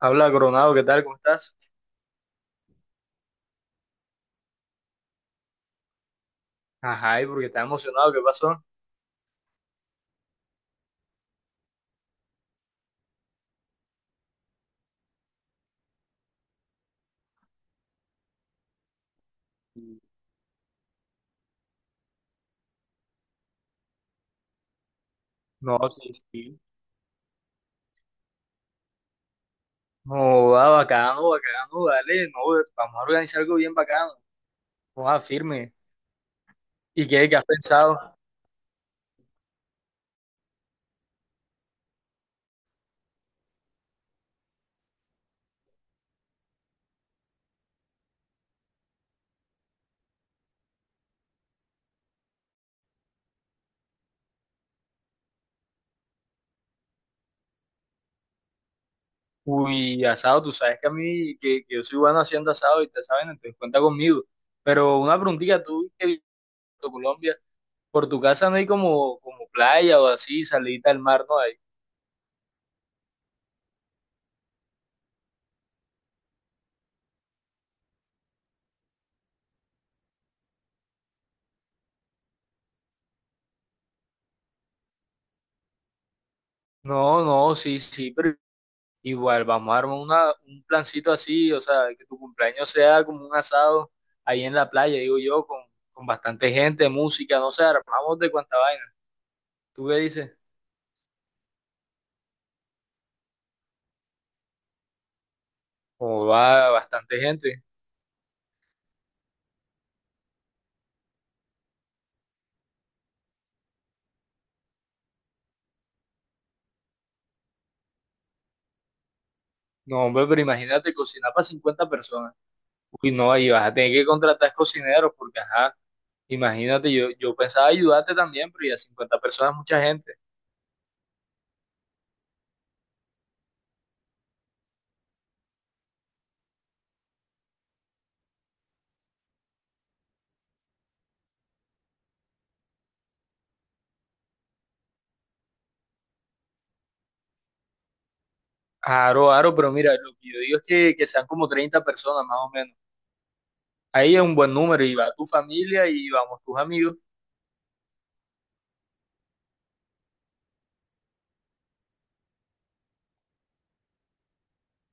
Habla Coronado, ¿qué tal? ¿Cómo estás? Ajá, ¿y porque estás emocionado? ¿Qué pasó? No, sí, sí. No, va, bacano, bacano, dale, no, vamos a organizar algo bien bacano. Vamos a firme. ¿Y qué has pensado? Uy, asado, tú sabes que a mí, que yo soy bueno haciendo asado y te saben, entonces cuenta conmigo. Pero una preguntita, tú que vives en Colombia, por tu casa no hay como playa o así, salida al mar, no hay. No, no, sí, sí, pero igual, vamos a armar un plancito así, o sea, que tu cumpleaños sea como un asado ahí en la playa, digo yo, con bastante gente, música, no sé, armamos de cuánta vaina. ¿Tú qué dices? Como va bastante gente. No, hombre, pero imagínate cocinar para 50 personas. Uy, no, ahí vas a tener que contratar cocineros porque, ajá, imagínate, yo pensaba ayudarte también, pero ya 50 personas es mucha gente. Aro, aro, pero mira, lo que yo digo es que sean como 30 personas más o menos. Ahí es un buen número y va tu familia y vamos tus amigos.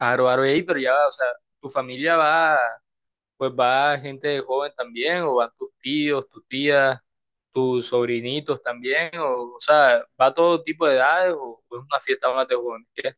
Aro, aro, ey, pero ya va, o sea, tu familia va, pues va gente joven también, o van tus tíos, tus tías, tus sobrinitos también, o sea, va todo tipo de edades, o es una fiesta más de jóvenes. ¿Qué?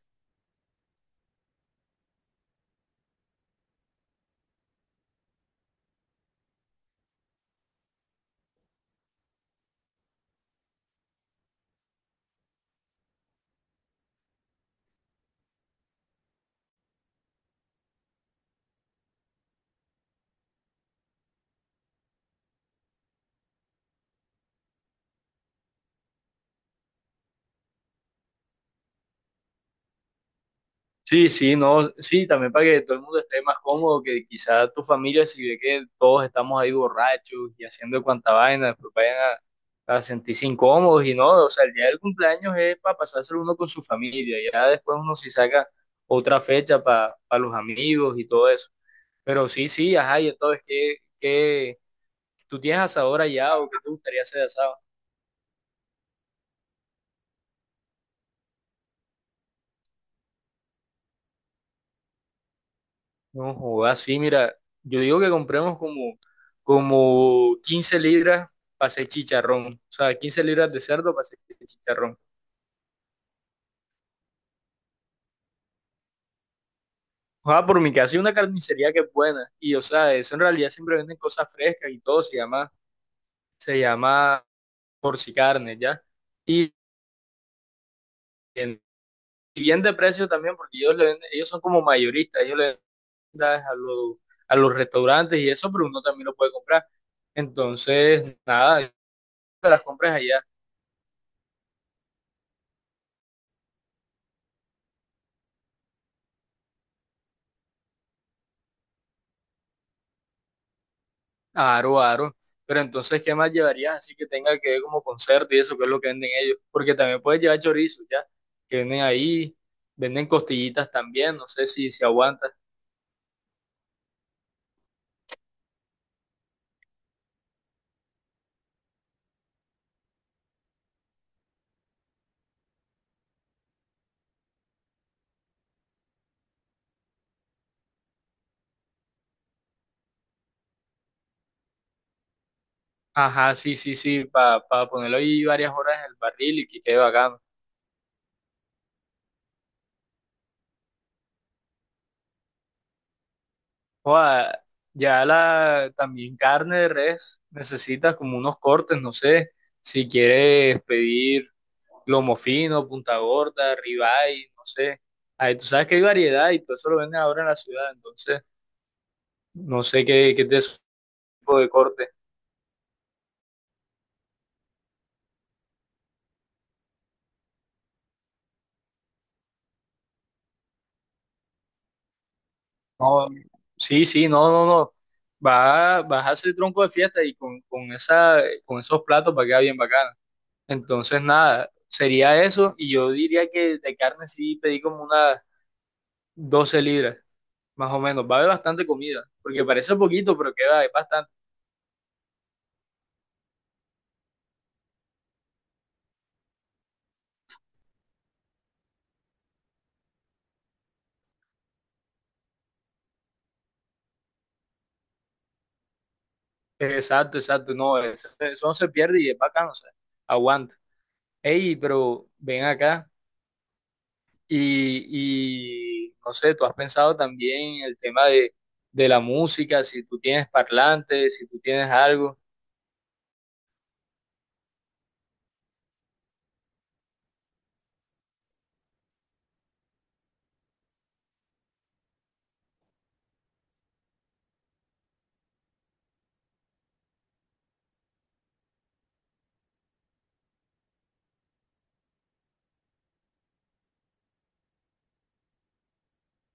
Sí, sí, no, sí, también para que todo el mundo esté más cómodo, que quizá tu familia, si ve que todos estamos ahí borrachos y haciendo cuanta vaina, después vayan a sentirse incómodos y no, o sea, el día del cumpleaños es para pasárselo uno con su familia, ya después uno si saca otra fecha para los amigos y todo eso. Pero sí, sí, ajá, y entonces, ¿tú tienes asador allá o qué te gustaría hacer de asado? No jodas, sí, mira, yo digo que compremos como 15 libras para hacer chicharrón. O sea, 15 libras de cerdo para hacer chicharrón. Ojalá por mi casa hay una carnicería que es buena. Y o sea, eso en realidad siempre venden cosas frescas y todo, se llama porcicarne, ¿ya? Y, en- y bien de precio también, porque ellos son como mayoristas, ellos le venden a los restaurantes y eso, pero uno también lo puede comprar. Entonces, nada, las compras allá. Aro, aro. Pero entonces, ¿qué más llevarías así que tenga que ver como concierto y eso, que es lo que venden ellos? Porque también puedes llevar chorizos, ¿ya? Que venden ahí, venden costillitas también, no sé si, si aguantas. Ajá, sí, sí, sí, para ponerlo ahí varias horas en el barril y que quede bacano. Joda, también carne de res, necesitas como unos cortes, no sé, si quieres pedir lomo fino, punta gorda, ribeye, no sé. Ahí tú sabes que hay variedad y todo eso lo venden ahora en la ciudad, entonces. No sé qué es de su tipo de corte. No, sí, sí, no, no, no. Va, vas a hacer tronco de fiesta y con, con esos platos va a quedar bien bacana. Entonces, nada, sería eso. Y yo diría que de carne sí pedí como unas 12 libras, más o menos. Va a haber bastante comida, porque parece poquito, pero queda, es bastante. Exacto, exacto. No, eso no se pierde y es bacano, o sea, aguanta. Ey, pero ven acá. No sé, tú has pensado también en el tema de la música, si tú tienes parlantes, si tú tienes algo.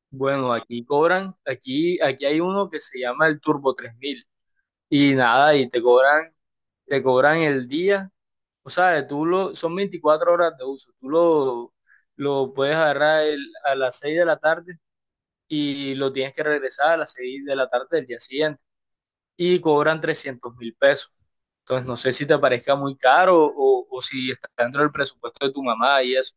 Bueno, aquí cobran, aquí hay uno que se llama el Turbo 3000 y nada, y te cobran el día, o sea, son 24 horas de uso, lo puedes agarrar a las 6 de la tarde y lo tienes que regresar a las 6 de la tarde del día siguiente y cobran $300.000. Entonces, no sé si te parezca muy caro o si está dentro del presupuesto de tu mamá y eso.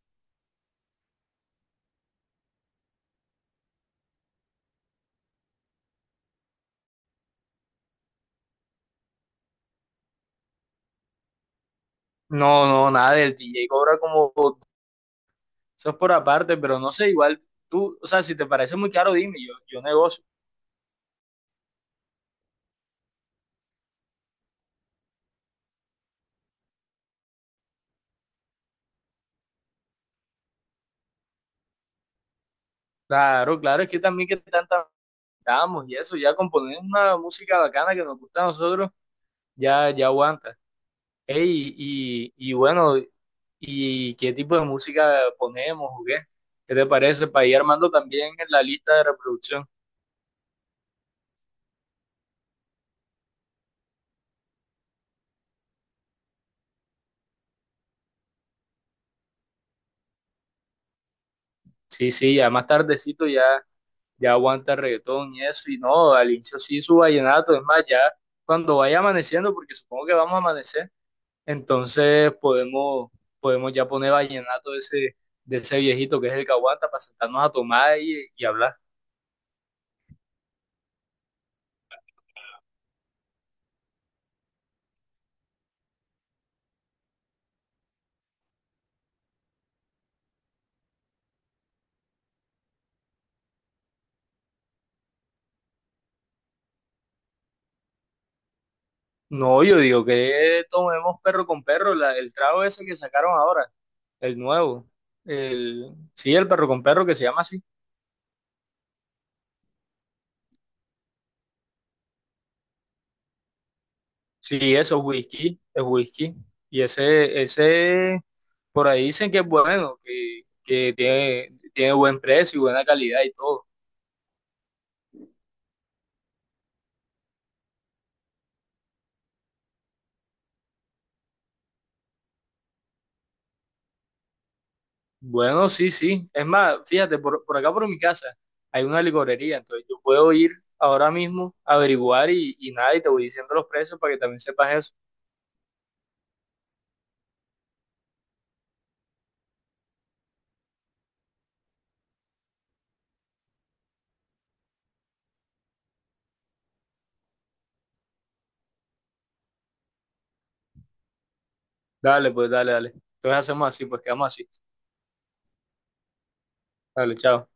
No, no, nada del DJ cobra como, eso es por aparte, pero no sé, igual tú, o sea, si te parece muy caro, dime, yo negocio. Claro, claro, es que también que tanta damos y eso, ya componer una música bacana que nos gusta a nosotros, ya aguanta. Ey, y bueno, ¿y qué tipo de música ponemos o qué? ¿Qué te parece? Para ir armando también en la lista de reproducción. Sí, sí, ya más tardecito ya aguanta reggaetón y eso, y no, al inicio sí su vallenato, es más, ya cuando vaya amaneciendo, porque supongo que vamos a amanecer, entonces podemos ya poner vallenato de ese viejito que es el que aguanta para sentarnos a tomar y hablar. No, yo digo que tomemos perro con perro, el trago ese que sacaron ahora, el nuevo, el, sí, el perro con perro que se llama así. Sí, eso es whisky, es whisky. Y ese, por ahí dicen que es bueno, que tiene, tiene buen precio y buena calidad y todo. Bueno, sí, sí. Es más, fíjate, por acá por mi casa hay una licorería, entonces yo puedo ir ahora mismo a averiguar y nada, y te voy diciendo los precios para que también sepas eso. Dale, pues, dale, dale. Entonces hacemos así, pues quedamos así. Dale, chao.